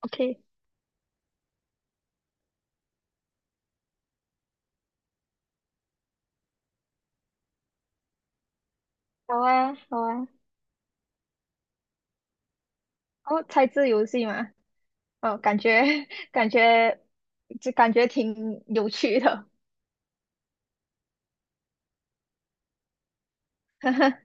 OK，好啊，好啊，哦，猜字游戏嘛，哦，感觉 感觉挺有趣的，哈哈，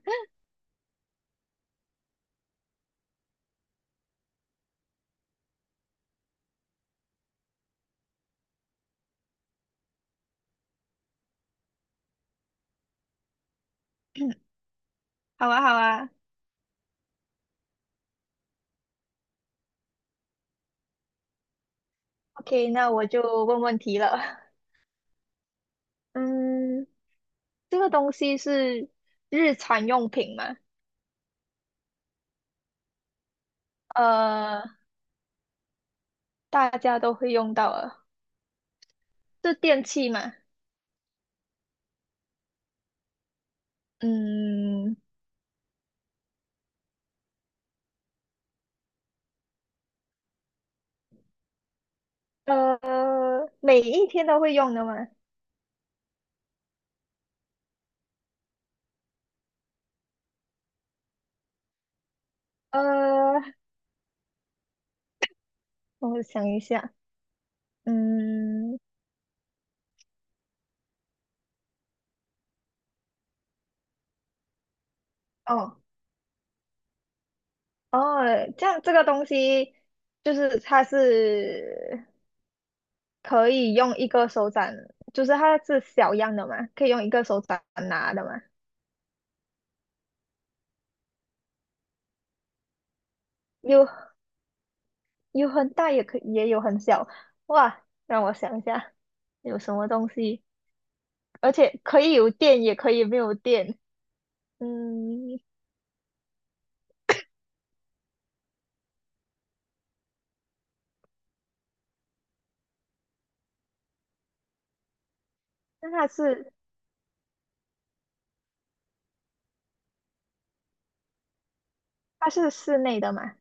好啊，好啊，OK，那我就问问题了，嗯，这个东西是日常用品嘛，呃，大家都会用到的，是电器嘛，嗯，呃，每一天都会用的嘛，呃，我想一下，嗯。哦。哦，这样这个东西就是它是可以用一个手掌，就是它是小样的嘛，可以用一个手掌拿的嘛，有有很大也有很小，哇，让我想一下有什么东西，而且可以有电也可以没有电，嗯，那它是室内的嘛？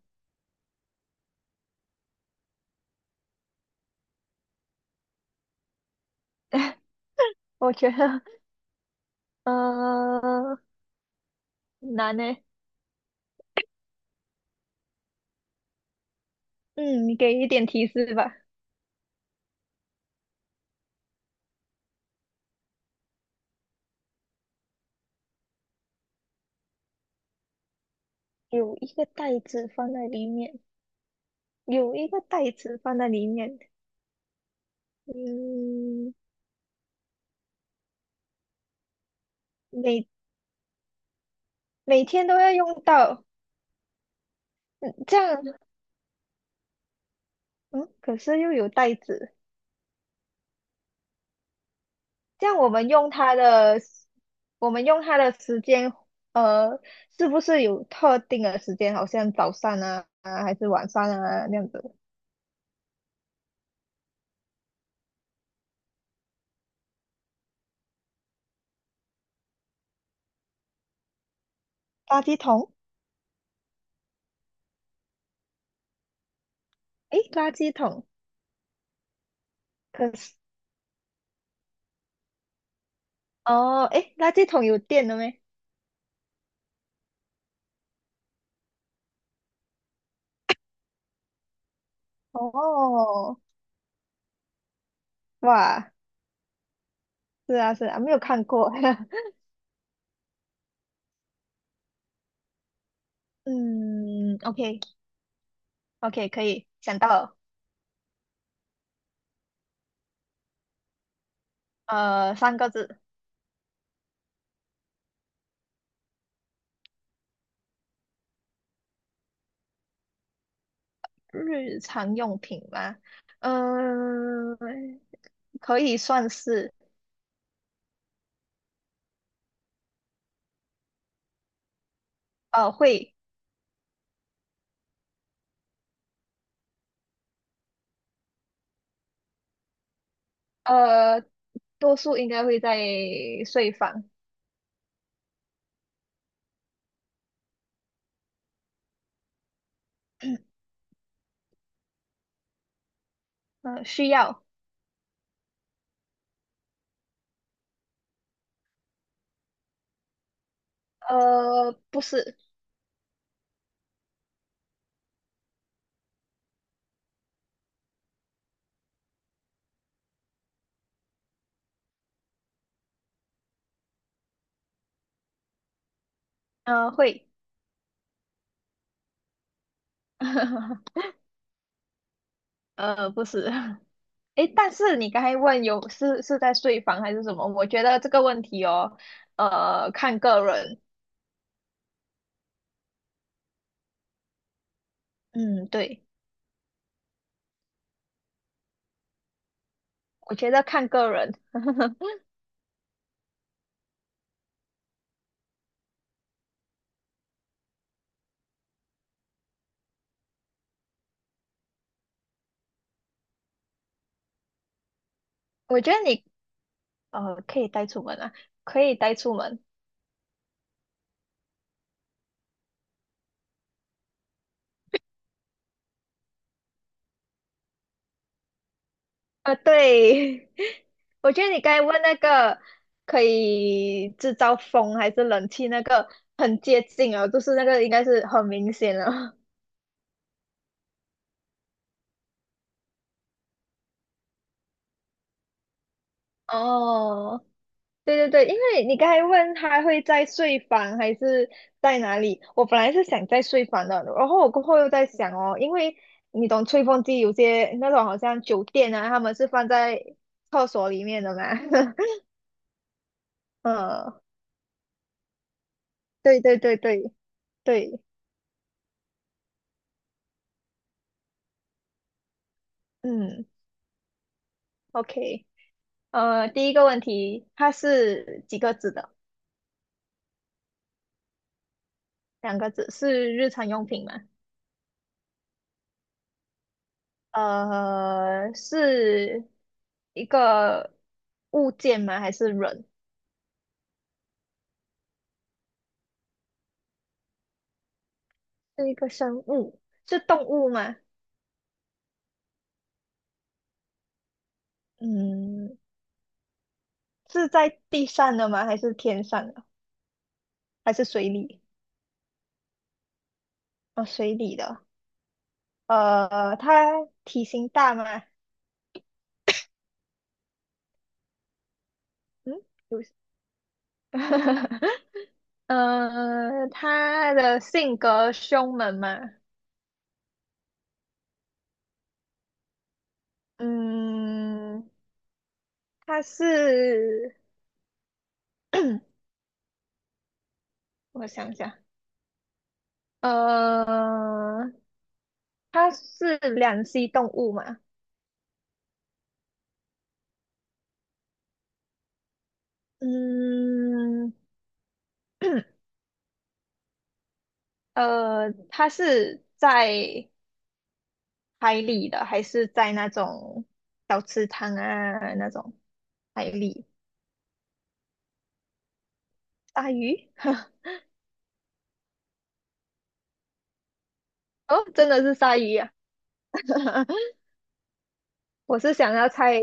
我觉得呃难呢，嗯，你给一点提示吧，有一个袋子放在里面。有一个袋子放在里面，嗯，每每天都要用到，这样，嗯，可是又有袋子，这样我们用它的，我们用它的时间，呃，是不是有特定的时间？好像早上啊，啊还是晚上啊那样子。垃圾桶，诶，垃圾桶，可是，哦，诶，垃圾桶有电了没？哦，哇，是啊，是啊，没有看过，嗯，OK，OK，可以，想到了。三个字，日常用品吗？嗯、可以算是，会，呃，多数应该会在睡房，需要，不是，会，不是，诶，但是你刚才问有是在睡房还是什么？我觉得这个问题哦，看个人，嗯，对，我觉得看个人，我觉得你可以带出门啊，可以带出门。啊，对，我觉得你刚才问那个可以制造风还是冷气那个很接近哦，就是那个应该是很明显了。哦，对对对，因为你刚才问他会在睡房还是在哪里，我本来是想在睡房的，然后我过后又在想哦，因为你懂吹风机有些那种好像酒店啊，他们是放在厕所里面的嘛，嗯，对对对对对，嗯，OK。第一个问题，它是几个字的？两个字，是日常用品吗？是一个物件吗？还是人？是一个生物？是动物吗？嗯，是在地上的吗？还是天上的？还是水里？哦，水里的。它体型大吗？嗯，有。它的性格凶猛吗？嗯，它是 我想想，呃，它是两栖动物嘛？嗯，它是在海里的，还是在那种小池塘啊那种海里？鲨鱼？哦，真的是鲨鱼呀、啊！我是想要猜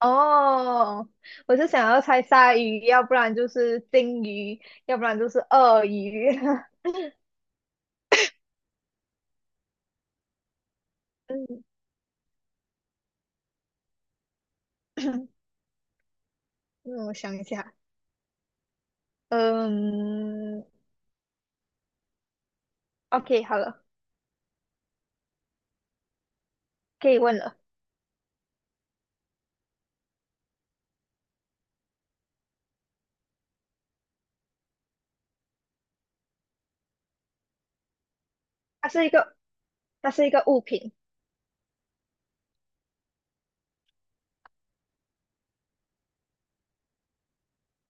哦，我是想要猜鲨鱼，要不然就是鲸鱼，要不然就是鳄鱼。嗯 嗯，我想一下，嗯，OK，好了，可以问了。它是一个，它是一个物品，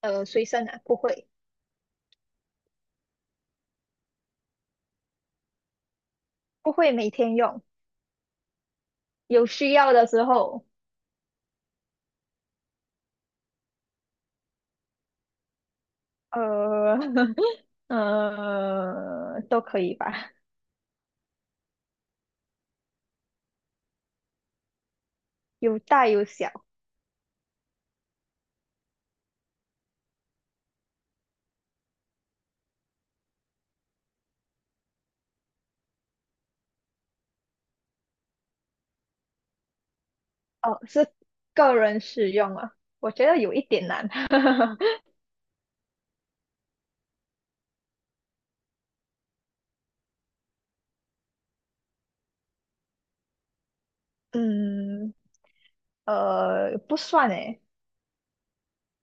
随身的，不会，不会每天用，有需要的时候，呃，都可以吧，有大有小，哦，是个人使用啊，我觉得有一点难，嗯，不算诶，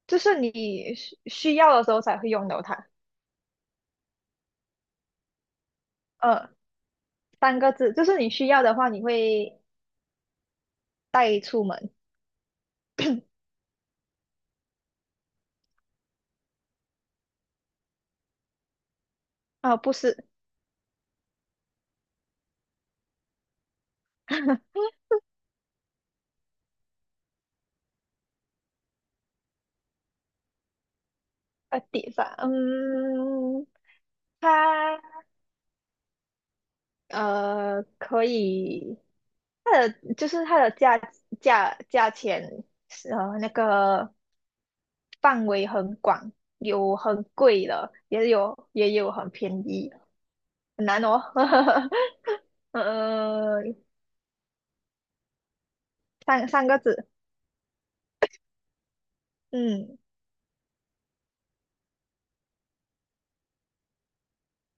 就是你需要的时候才会用到它，呃，三个字，就是你需要的话，你会。带出门啊，不是，在地方，嗯，它可以，它的就是它的价钱是那个范围很广，有很贵的，也有很便宜的很难哦，呃，三个字，嗯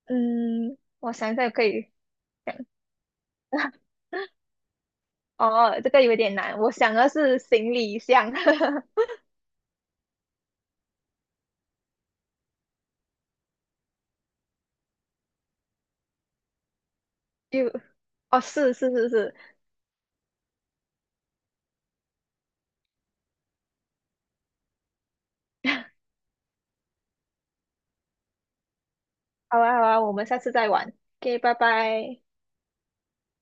嗯，我想一下可以，哦，这个有点难，我想的是行李箱。就，哦，是，好啊好啊，我们下次再玩，OK，拜拜。